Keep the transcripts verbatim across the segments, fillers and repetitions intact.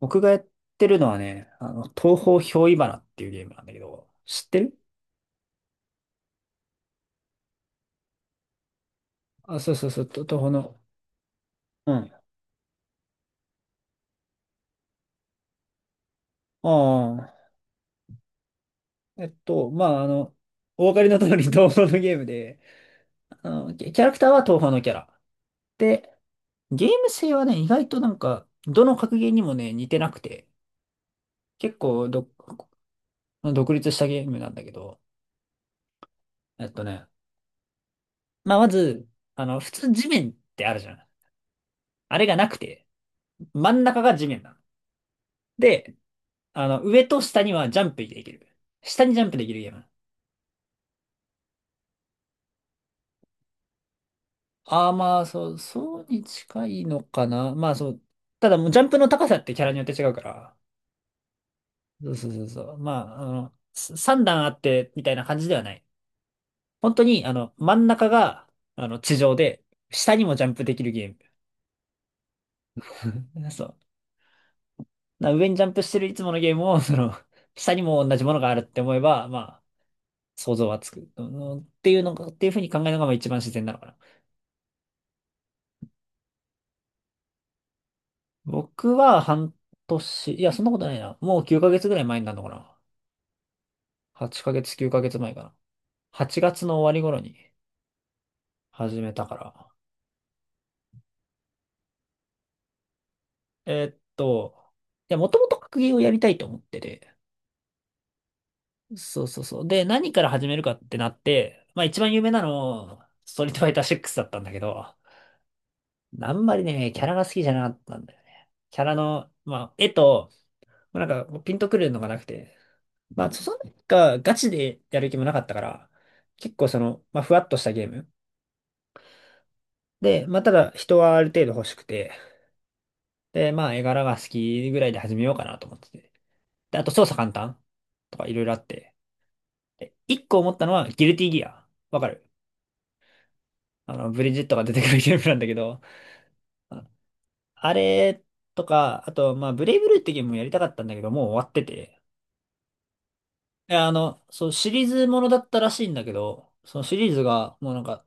僕がやってるのはね、あの、東方憑依花っていうゲームなんだけど、知ってる？あ、そうそうそう、と東方の。うん。ああ。えっと、まあ、あの、お分かりの通り 東方のゲームで、あの、キャキャラクターは東方のキャラ。で、ゲーム性はね、意外となんか、どの格ゲーにもね、似てなくて、結構ど、独立したゲームなんだけど、えっとね、まあ、まず、あの、普通地面ってあるじゃん。あれがなくて、真ん中が地面なの。で、あの、上と下にはジャンプできる。下にジャンプできるゲーム。ああ、まあ、そう、そうに近いのかな。まあ、そう。ただもうジャンプの高さってキャラによって違うから。そうそうそうそう。まあ、あの、さんだん段あって、みたいな感じではない。本当に、あの、真ん中が、あの、地上で、下にもジャンプできるゲーム。そう。な上にジャンプしてるいつものゲームを、その、下にも同じものがあるって思えば、まあ、想像はつく。うんっていうのが、っていうふうに考えるのが、まあ一番自然なのかな。僕は半年、いや、そんなことないな。もうきゅうかげつぐらい前になるのかな。はちかげつ、きゅうかげつまえかな。はちがつの終わり頃に始めたから。えーっと、いや、もともと格ゲーをやりたいと思ってて。そうそうそう。で、何から始めるかってなって、まあ一番有名なの、ストリートファイターシックスだったんだけど、あんまりね、キャラが好きじゃなかったんだよね。キャラの、まあ、絵と、まあなんかピンとくるのがなくて、まあ、そんな、ガチでやる気もなかったから、結構その、まあ、ふわっとしたゲーム。で、まあ、ただ人はある程度欲しくて、で、まあ、絵柄が好きぐらいで始めようかなと思ってて。で、あと操作簡単とかいろいろあって。で、一個思ったのは、ギルティギア。わかる？あの、ブリジットが出てくるゲームなんだけど、ああれとか、あと、まあ、ブレイブルーってゲームもやりたかったんだけど、もう終わってて。いや、あの、そう、シリーズものだったらしいんだけど、そのシリーズが、もうなんか、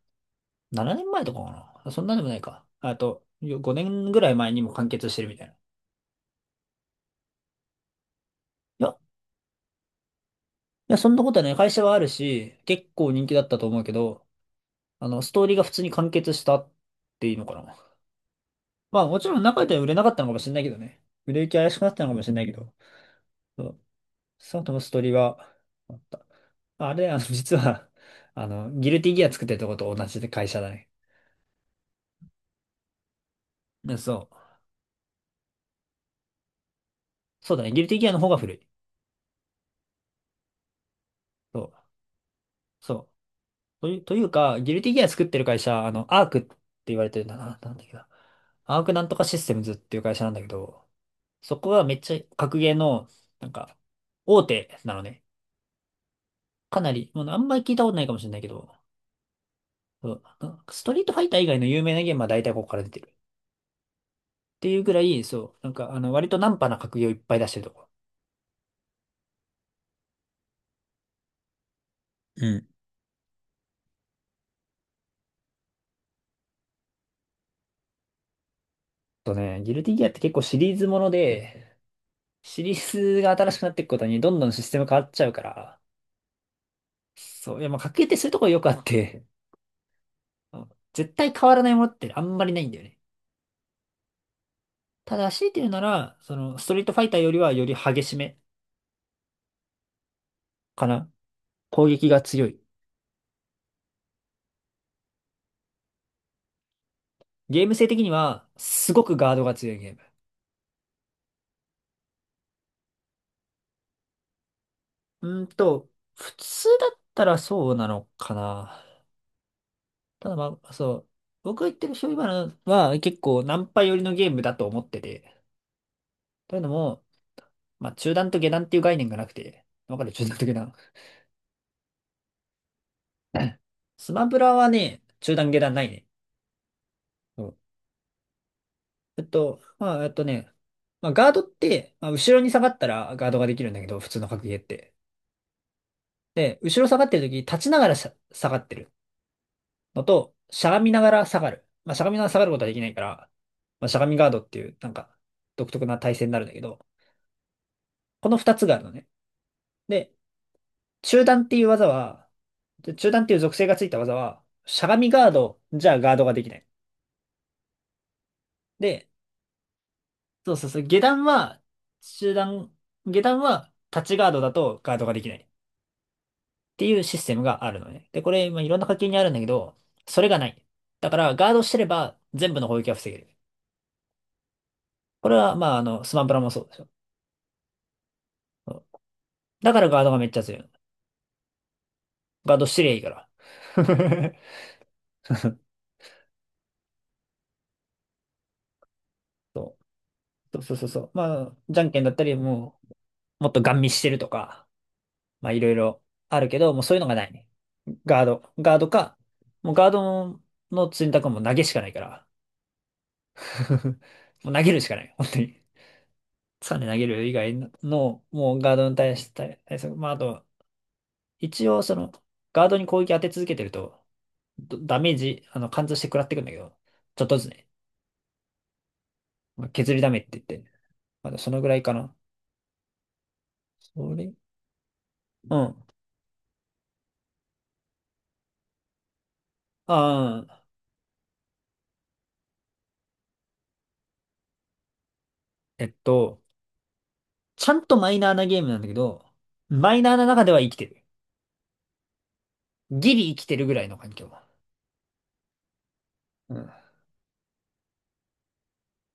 ななねんまえとかかな。そんなでもないか。あと、よごねんぐらい前にも完結してるみたいな。いや、いや、そんなことはね、会社はあるし、結構人気だったと思うけど、あの、ストーリーが普通に完結したっていいのかな。まあ、もちろん中では売れなかったのかもしれないけどね。売れ行き怪しくなったのかもしれないけど、そうその後のストーリーは、あった。あれ、あの、実は、あの、ギルティギア作ってるとこと同じで会社だね。でそう。そうだね、ギルティギアの方が古い。そう。そう。という、というか、ギルティギア作ってる会社、あの、アークって言われてるんだな、なんだっけな。アークなんとかシステムズっていう会社なんだけど、そこはめっちゃ格ゲーの、なんか、大手なのね。かなり、もうあんまり聞いたことないかもしれないけど、そうなんかストリートファイター以外の有名なゲームは大体ここから出てる。っていうぐらい、そう、なんか、あの、割とナンパな格ゲーをいっぱい出してるとこ。うん。とね、ギルティギアって結構シリーズもので、シリーズが新しくなっていくことにどんどんシステム変わっちゃうから、そう、いや、まあ、格ゲーってそういうところよくあって、あ絶対変わらないものってあんまりないんだよね。ただ、強いて言うなら、その、ストリートファイターよりはより激しめかな。攻撃が強い。ゲーム性的には、すごくガードが強いゲーム。うーんと、普通だったらそうなのかな。ただまあ、そう。僕が言ってる醤油花は結構ナンパ寄りのゲームだと思ってて。というのも、まあ、中段と下段っていう概念がなくて。わかる？中段と下段。スマブラはね、中段下段ないね。そうえっと、まあ、えっとね、まあ、ガードって、まあ、後ろに下がったらガードができるんだけど、普通の格ゲーって。で、後ろ下がってる時、立ちながらしゃ下がってるのと、しゃがみながら下がる。まあ、しゃがみながら下がることはできないから、まあ、しゃがみガードっていう、なんか、独特な体勢になるんだけど、この二つがあるのね。で、中段っていう技は、で中段っていう属性がついた技は、しゃがみガードじゃガードができない。で、そうそうそう、下段は、中段、下段は、立ちガードだとガードができない。っていうシステムがあるのね。で、これ、まあ、いろんな課金にあるんだけど、それがない。だから、ガードしてれば全部の攻撃は防げる。これは、まあ、あの、スマブラもそうですよ。そうだからガードがめっちゃ強いの。ガードしてりゃいいから。そうそうそうそうそう。まあ、じゃんけんだったり、もう、もっとガン見してるとか、まあ、いろいろあるけど、もうそういうのがないね。ガード。ガードか、もうガードの選択はもう投げしかないから。もう投げるしかない。本当に。さんで投げる以外の、もうガードに対して、対策、まあ、あと、一応その、ガードに攻撃当て続けてると、どダメージ、あの、貫通して食らってくんだけど、ちょっとずつね、まあ削りダメって言って、まだそのぐらいかな。それうん。ああ、えっと、ちゃんとマイナーなゲームなんだけど、マイナーな中では生きてる。ギリ生きてるぐらいの環境。うん。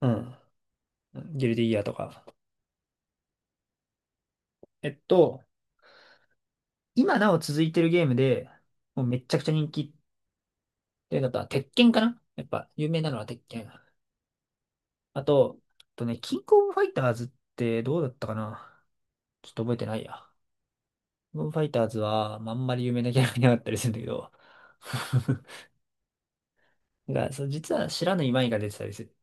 うん。ギルディギアとか。えっと、今なお続いてるゲームで、もうめっちゃくちゃ人気で、あとは、鉄拳かなやっぱ、有名なのは鉄拳。あと、あとね、キングオブファイターズってどうだったかなちょっと覚えてないや。キングオブファイターズは、まああんまり有名なキャラがいなかったりするんだけど。が、そう、実は知らぬ今井が出てたりする。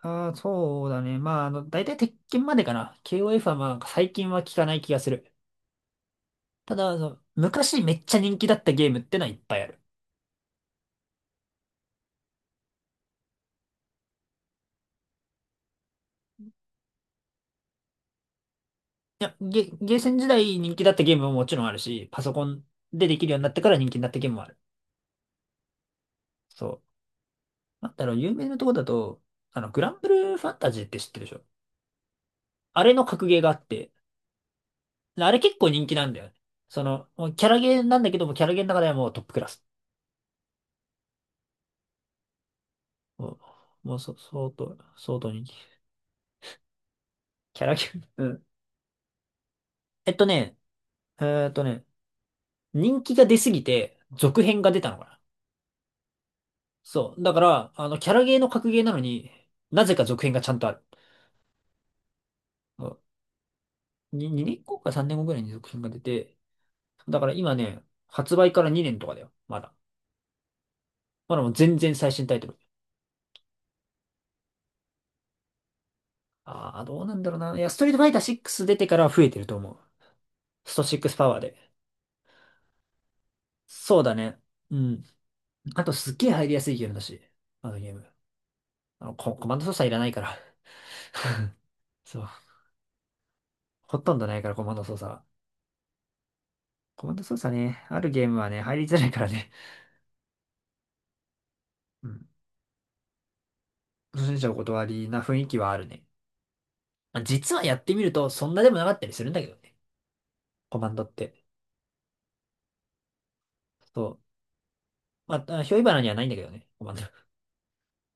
ああ、そうだね。まあ、あの、大体鉄拳までかな。ケーオーエフ はまあ、最近は聞かない気がする。ただ、あの、昔めっちゃ人気だったゲームってのはいっぱいある。いや、ゲ、ゲーセン時代人気だったゲームももちろんあるし、パソコンでできるようになってから人気になったゲームもある。そう。なんだろう、有名なとこだと、あの、グランブルーファンタジーって知ってるでしょ？あれの格ゲーがあって、あれ結構人気なんだよね。その、もうキャラゲーなんだけども、キャラゲーの中ではもうトップクラス。もう、もうそ、相当、相当人気。キャラゲー、うん。えっとね、えーっとね、人気が出すぎて、続編が出たのかな。そう。だから、あの、キャラゲーの格ゲーなのに、なぜか続編がちゃんとある。そうに2、年後かさんねんごぐらいに続編が出て、だから今ね、発売からにねんとかだよ。まだ。まだもう全然最新タイトル。ああ、どうなんだろうな。いや、ストリートファイターシックス出てからは増えてると思う。ストシックスパワーで。そうだね。うん。あとすっげえ入りやすいゲームだし。あのゲーム。あの、コ、コマンド操作いらないから。そう。ほとんどないから、コマンド操作は。コマンド操作ね、あるゲームはね、入りづらいからね。うん。初心者お断りな雰囲気はあるね。まあ実はやってみると、そんなでもなかったりするんだけどね。コマンドって。そう。まあ、あひょいばなにはないんだけどね。コマンド。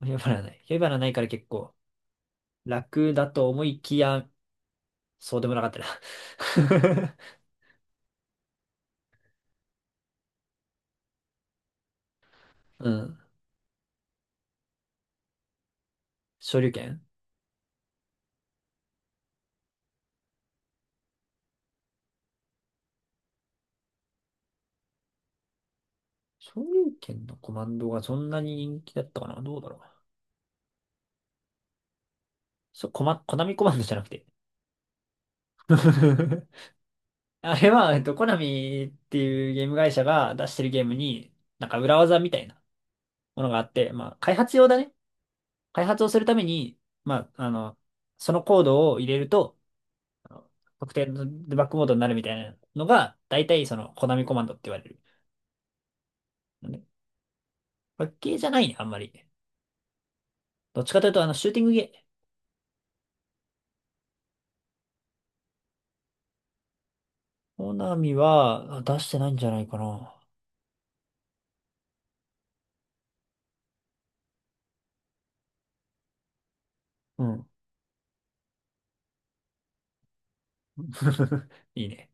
ひょいばなない。ひょいばなないから結構楽だと思いきや、そうでもなかったな うん。昇竜拳昇竜拳のコマンドがそんなに人気だったかなどうだろう。そう、コマ、コナミコマンドじゃなくて。あれは、えっと、コナミっていうゲーム会社が出してるゲームに、なんか裏技みたいなものがあって、まあ、開発用だね。開発をするために、まあ、あの、そのコードを入れると、あの特定のデバッグモードになるみたいなのが、大体そのコナミコマンドって言われる。ねパッケージじゃないね、あんまり。どっちかというと、あの、シューティングゲー、小ナミはあ出してないんじゃないかな。うん。いいね。